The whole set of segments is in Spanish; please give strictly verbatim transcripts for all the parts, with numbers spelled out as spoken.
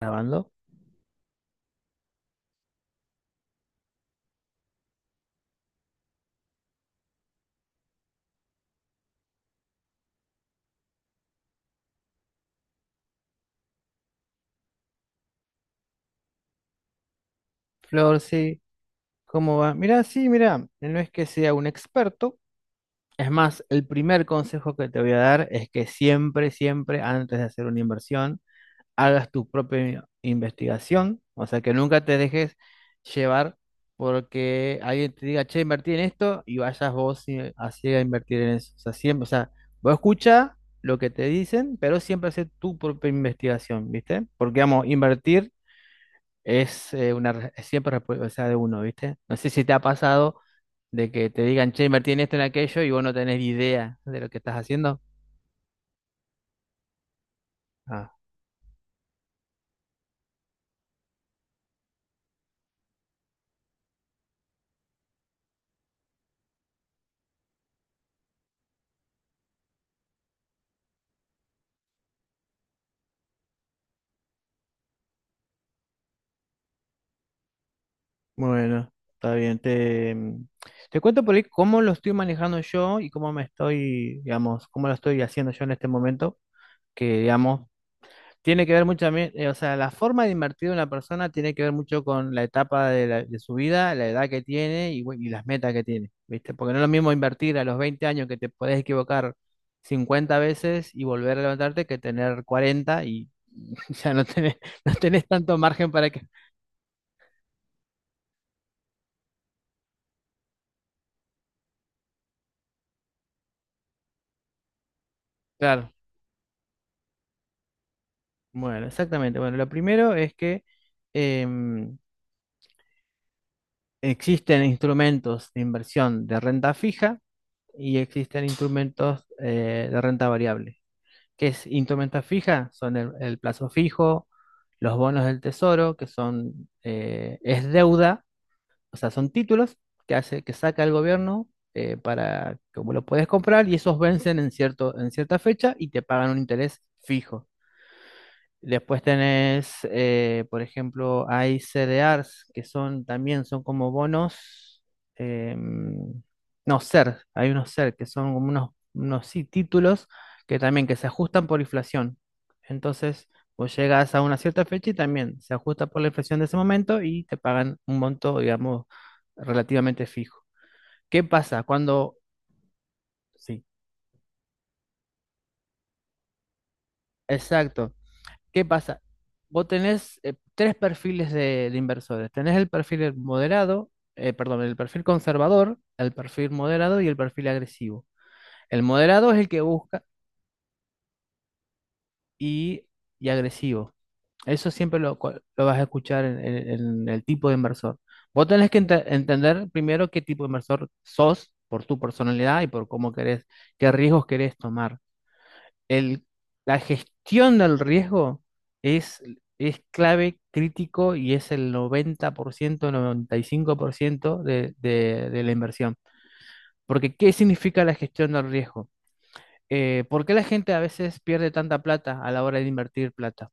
Grabando. Flor, sí, ¿cómo va? Mira, sí, mira, no es que sea un experto. Es más, el primer consejo que te voy a dar es que siempre, siempre, antes de hacer una inversión, hagas tu propia investigación. O sea, que nunca te dejes llevar porque alguien te diga, che, invertí en esto y vayas vos y así a invertir en eso. O sea, siempre, o sea, vos escucha lo que te dicen, pero siempre hace tu propia investigación, ¿viste? Porque, vamos, invertir es eh, una re- es siempre responsabilidad de uno, ¿viste? No sé si te ha pasado de que te digan, che, invertí en esto, en aquello, y vos no tenés idea de lo que estás haciendo. Ah, bueno, está bien. Te, Te cuento por ahí cómo lo estoy manejando yo y cómo me estoy, digamos, cómo lo estoy haciendo yo en este momento, que, digamos, tiene que ver mucho también, eh, o sea, la forma de invertir de una persona tiene que ver mucho con la etapa de, la- de su vida, la edad que tiene y, bueno, y las metas que tiene, ¿viste? Porque no es lo mismo invertir a los veinte años que te podés equivocar cincuenta veces y volver a levantarte que tener cuarenta y ya no tenés, no tenés tanto margen para que... Claro, bueno, exactamente. Bueno, lo primero es que em, existen instrumentos de inversión de renta fija y existen instrumentos eh, de renta variable. que es instrumenta fija, son el, el plazo fijo, los bonos del tesoro, que son, eh, es deuda, o sea, son títulos que hace, que saca el gobierno eh, para, como lo puedes comprar, y esos vencen en cierto, en cierta fecha y te pagan un interés fijo. Después tenés, eh, por ejemplo, hay C D Rs que son también son como bonos, em, no, SER, hay unos SER que son como unos, unos sí, títulos que también que se ajustan por inflación. Entonces, vos llegas a una cierta fecha y también se ajusta por la inflación de ese momento y te pagan un monto, digamos, relativamente fijo. ¿Qué pasa cuando...? Sí, exacto. ¿Qué pasa? Vos tenés eh, tres perfiles de, de inversores. Tenés el perfil moderado, eh, perdón, el perfil conservador, el perfil moderado y el perfil agresivo. El moderado es el que busca, y, y agresivo. Eso siempre lo, cua- lo vas a escuchar en, en- en el tipo de inversor. Vos tenés que ente- entender primero qué tipo de inversor sos por tu personalidad y por cómo querés, qué riesgos querés tomar. el, la gestión del riesgo es, es clave, crítico y es el noventa por ciento, noventa y cinco por ciento de, de, de la inversión. Porque, ¿qué significa la gestión del riesgo? Eh, ¿por qué la gente a veces pierde tanta plata a la hora de invertir plata?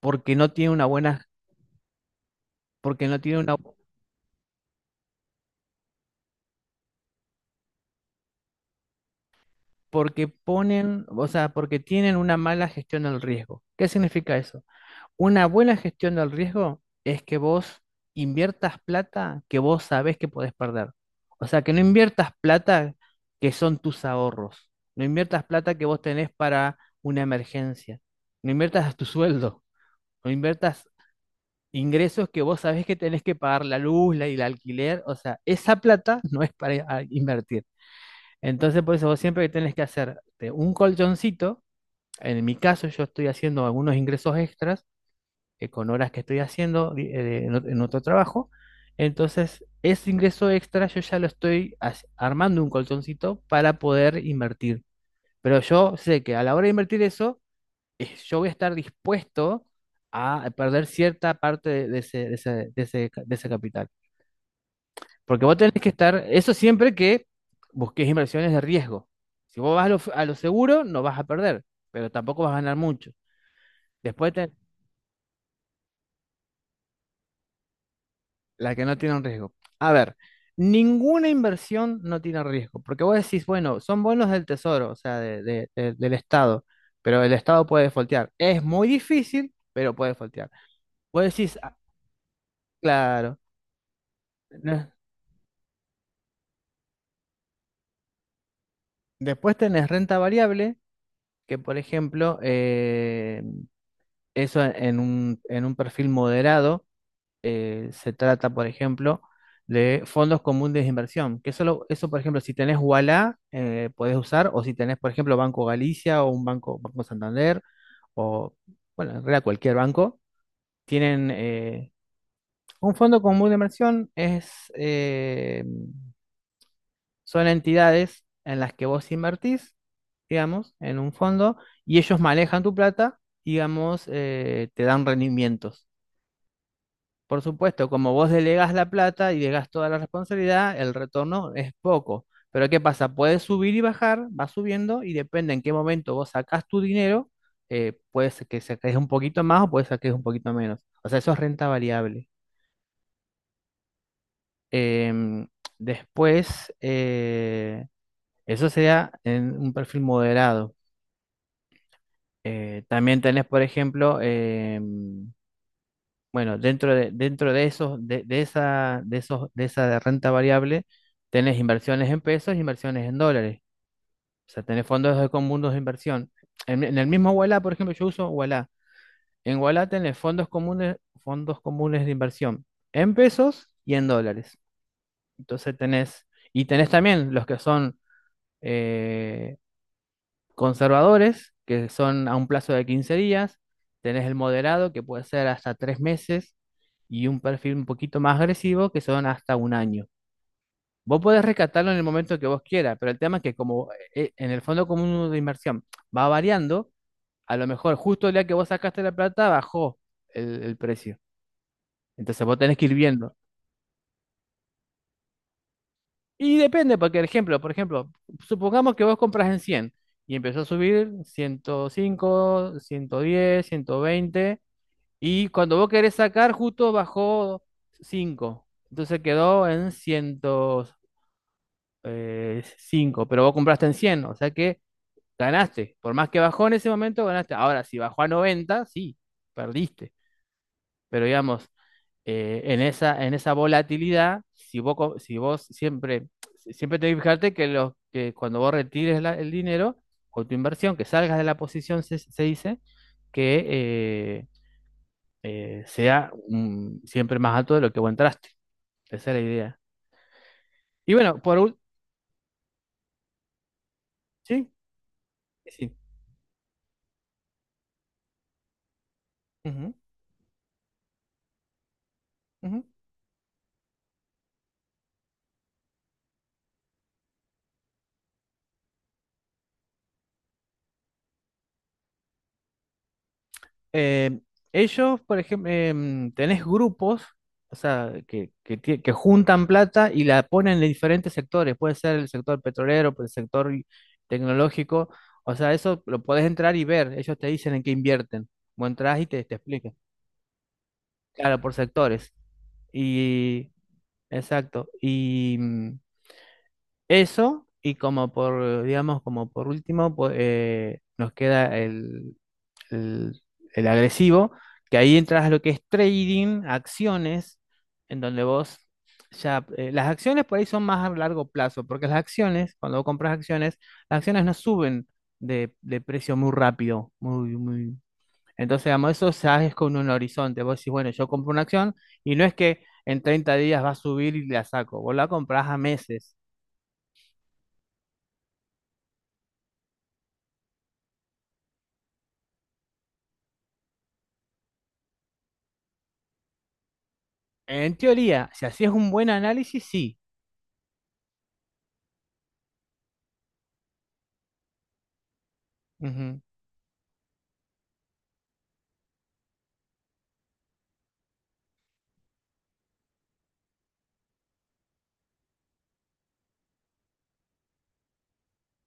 Porque no tiene una buena, porque no tiene una, porque ponen, o sea, porque tienen una mala gestión del riesgo. ¿Qué significa eso? Una buena gestión del riesgo es que vos inviertas plata que vos sabés que podés perder. O sea, que no inviertas plata que son tus ahorros. No inviertas plata que vos tenés para una emergencia. No inviertas tu sueldo. No inviertas ingresos que vos sabés que tenés que pagar la luz, la, y el alquiler. O sea, esa plata no es para ah, invertir. Entonces, por eso vos siempre que tenés que hacerte un colchoncito. En mi caso, yo estoy haciendo algunos ingresos extras eh, con horas que estoy haciendo di- eh, en, ot- en otro trabajo. Entonces, ese ingreso extra yo ya lo estoy as- armando un colchoncito para poder invertir. Pero yo sé que a la hora de invertir eso, eh, yo voy a estar dispuesto a perder cierta parte de, de ese, de ese, de ese ca- de ese capital. Porque vos tenés que estar, eso siempre que busques inversiones de riesgo. Si vos vas a lo, f- a lo seguro, no vas a perder, pero tampoco vas a ganar mucho. Después te- La que no tiene un riesgo. A ver, ninguna inversión no tiene riesgo, porque vos decís, bueno, son bonos del tesoro, o sea, de- de- de- del Estado, pero el Estado puede foltear. Es muy difícil, pero puede foltear. Vos decís: "Ah, claro, no". Después tenés renta variable, que por ejemplo, eh, eso en un, en un perfil moderado. Eh, se trata, por ejemplo, de fondos comunes de inversión, que solo, eso, por ejemplo, si tenés Ualá, eh, podés usar, o si tenés, por ejemplo, Banco Galicia o un banco, Banco Santander, o, bueno, en realidad cualquier banco, tienen eh, un fondo común de inversión, es, eh, son entidades en las que vos invertís, digamos, en un fondo, y ellos manejan tu plata, digamos, eh, te dan rendimientos. Por supuesto, como vos delegás la plata y delegás toda la responsabilidad, el retorno es poco. Pero ¿qué pasa? Puedes subir y bajar, va subiendo y depende en qué momento vos sacás tu dinero, eh, puede ser que saques un poquito más o puede ser que saques un poquito menos. O sea, eso es renta variable. Em, Después, eh, eso sería en un perfil moderado. Eh, también tenés, por ejemplo, em, bueno, dentro de, dentro de esos, de, de esa, de esos, de esa renta variable, tenés inversiones en pesos, inversiones en dólares. O sea, tenés fondos de comunes de inversión. En, en el mismo Ualá, por ejemplo, yo uso Ualá. En Ualá tenés fondos comunes, fondos comunes de inversión en pesos y en dólares. Entonces tenés, y tenés también los que son eh, conservadores, que son a un plazo de quince días, tenés el moderado, que puede ser hasta tres meses, y un perfil un poquito más agresivo, que son hasta un año. Vos podés rescatarlo en el momento que vos quieras, pero el tema es que como eh, eh, en el fondo común de inversión va variando, a lo mejor justo el día que vos sacaste la plata bajó el, el precio. Entonces vos tenés que ir viendo. Y depende, porque el ejemplo, por ejemplo, supongamos que vos compras en cien y empezó a subir ciento ciento cinco, ciento diez, ciento veinte. Y cuando vos querés sacar, justo bajó cinco. Entonces quedó en ciento cinco, pero vos compraste en cien, o sea que ganaste. Por más que bajó en ese momento, ganaste. Ahora, si bajó a noventa, sí, perdiste. Pero digamos, eh, en esa, en esa volatilidad, si vos, co- si vos siempre, siempre tenés que fijarte que, los, que cuando vos retires la- el dinero o tu inversión, que salgas de la posición, se, se dice, que eh, eh, sea, mm, siempre más alto de lo que vos entraste. Esa es la idea. Y bueno, por último, sí, sí. Ujú, ujú. Eh, ellos, por ejemplo, em, tenés grupos, o sea, que, que, tie- que juntan plata y la ponen en diferentes sectores. Puede ser el sector petrolero, puede ser el sector tecnológico. O sea, eso lo podés entrar y ver. Ellos te dicen en qué invierten. Vos entrás y te, te explican. Claro, por sectores. Y, exacto. Y, mm, eso, y como por, digamos, como por último, pues, eh, nos queda el, el- el agresivo, que ahí entras a lo que es trading, acciones, en donde vos ya, eh, las acciones por ahí son más a largo plazo, porque las acciones, cuando vos compras acciones, las acciones no suben de, de precio muy rápido, muy, muy. Entonces, digamos, eso ya es con un horizonte. Vos decís, bueno, yo compro una acción y no es que en treinta días va a subir y la saco, vos la comprás a meses. En teoría, si hacías un buen análisis, sí. Ujú,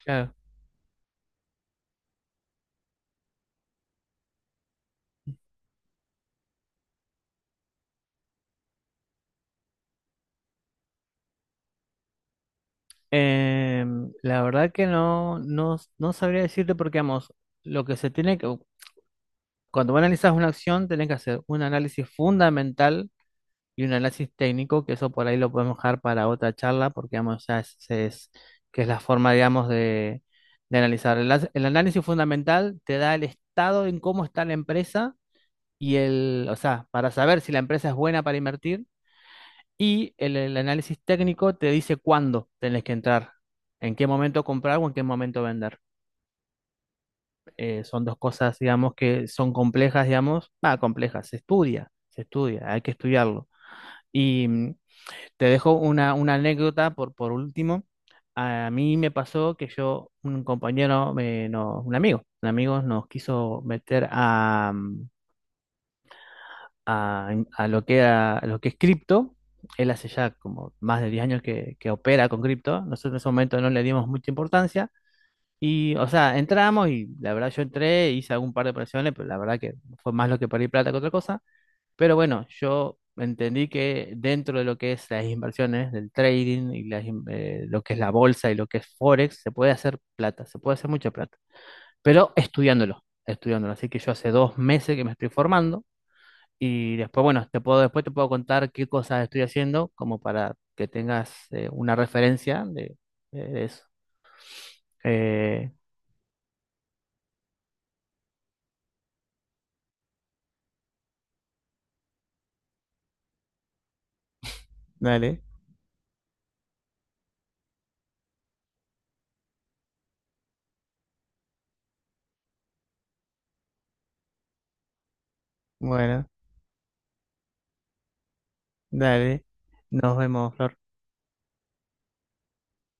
claro. Em, la verdad que no, no, no sabría decirte porque, vamos, lo que se tiene que, cuando vos analizas una acción, tenés que hacer un análisis fundamental y un análisis técnico, que eso por ahí lo podemos dejar para otra charla, porque, vamos, ya es, es- que es la forma, digamos, de, de analizar. El, as- el análisis fundamental te da el estado en cómo está la empresa y el, o sea, para saber si la empresa es buena para invertir. Y el, el análisis técnico te dice cuándo tenés que entrar, en qué momento comprar o en qué momento vender. Eh, son dos cosas, digamos, que son complejas, digamos, ah, complejas, se estudia, se estudia, hay que estudiarlo. Y mm, te dejo una, una anécdota por, por último. A mí me pasó que yo, un compañero, me- no, un amigo, un amigo nos quiso meter a, mm, a, a lo que era, a lo que es cripto. Él hace ya como más de diez años que, que opera con cripto. Nosotros en ese momento no le dimos mucha importancia. Y, o sea, entramos y la verdad yo entré, hice algún par de operaciones, pero la verdad que fue más lo que perdí plata que otra cosa. Pero bueno, yo entendí que dentro de lo que es las inversiones, del trading y las in- eh, lo que es la bolsa y lo que es Forex, se puede hacer plata, se puede hacer mucha plata, pero estudiándolo, estudiándolo. Así que yo hace dos meses que me estoy formando y después, bueno, te puedo, después te puedo contar qué cosas estoy haciendo, como para que tengas eh, una referencia de, de eso. Eh, dale, bueno, dale. Nos vemos, Flor.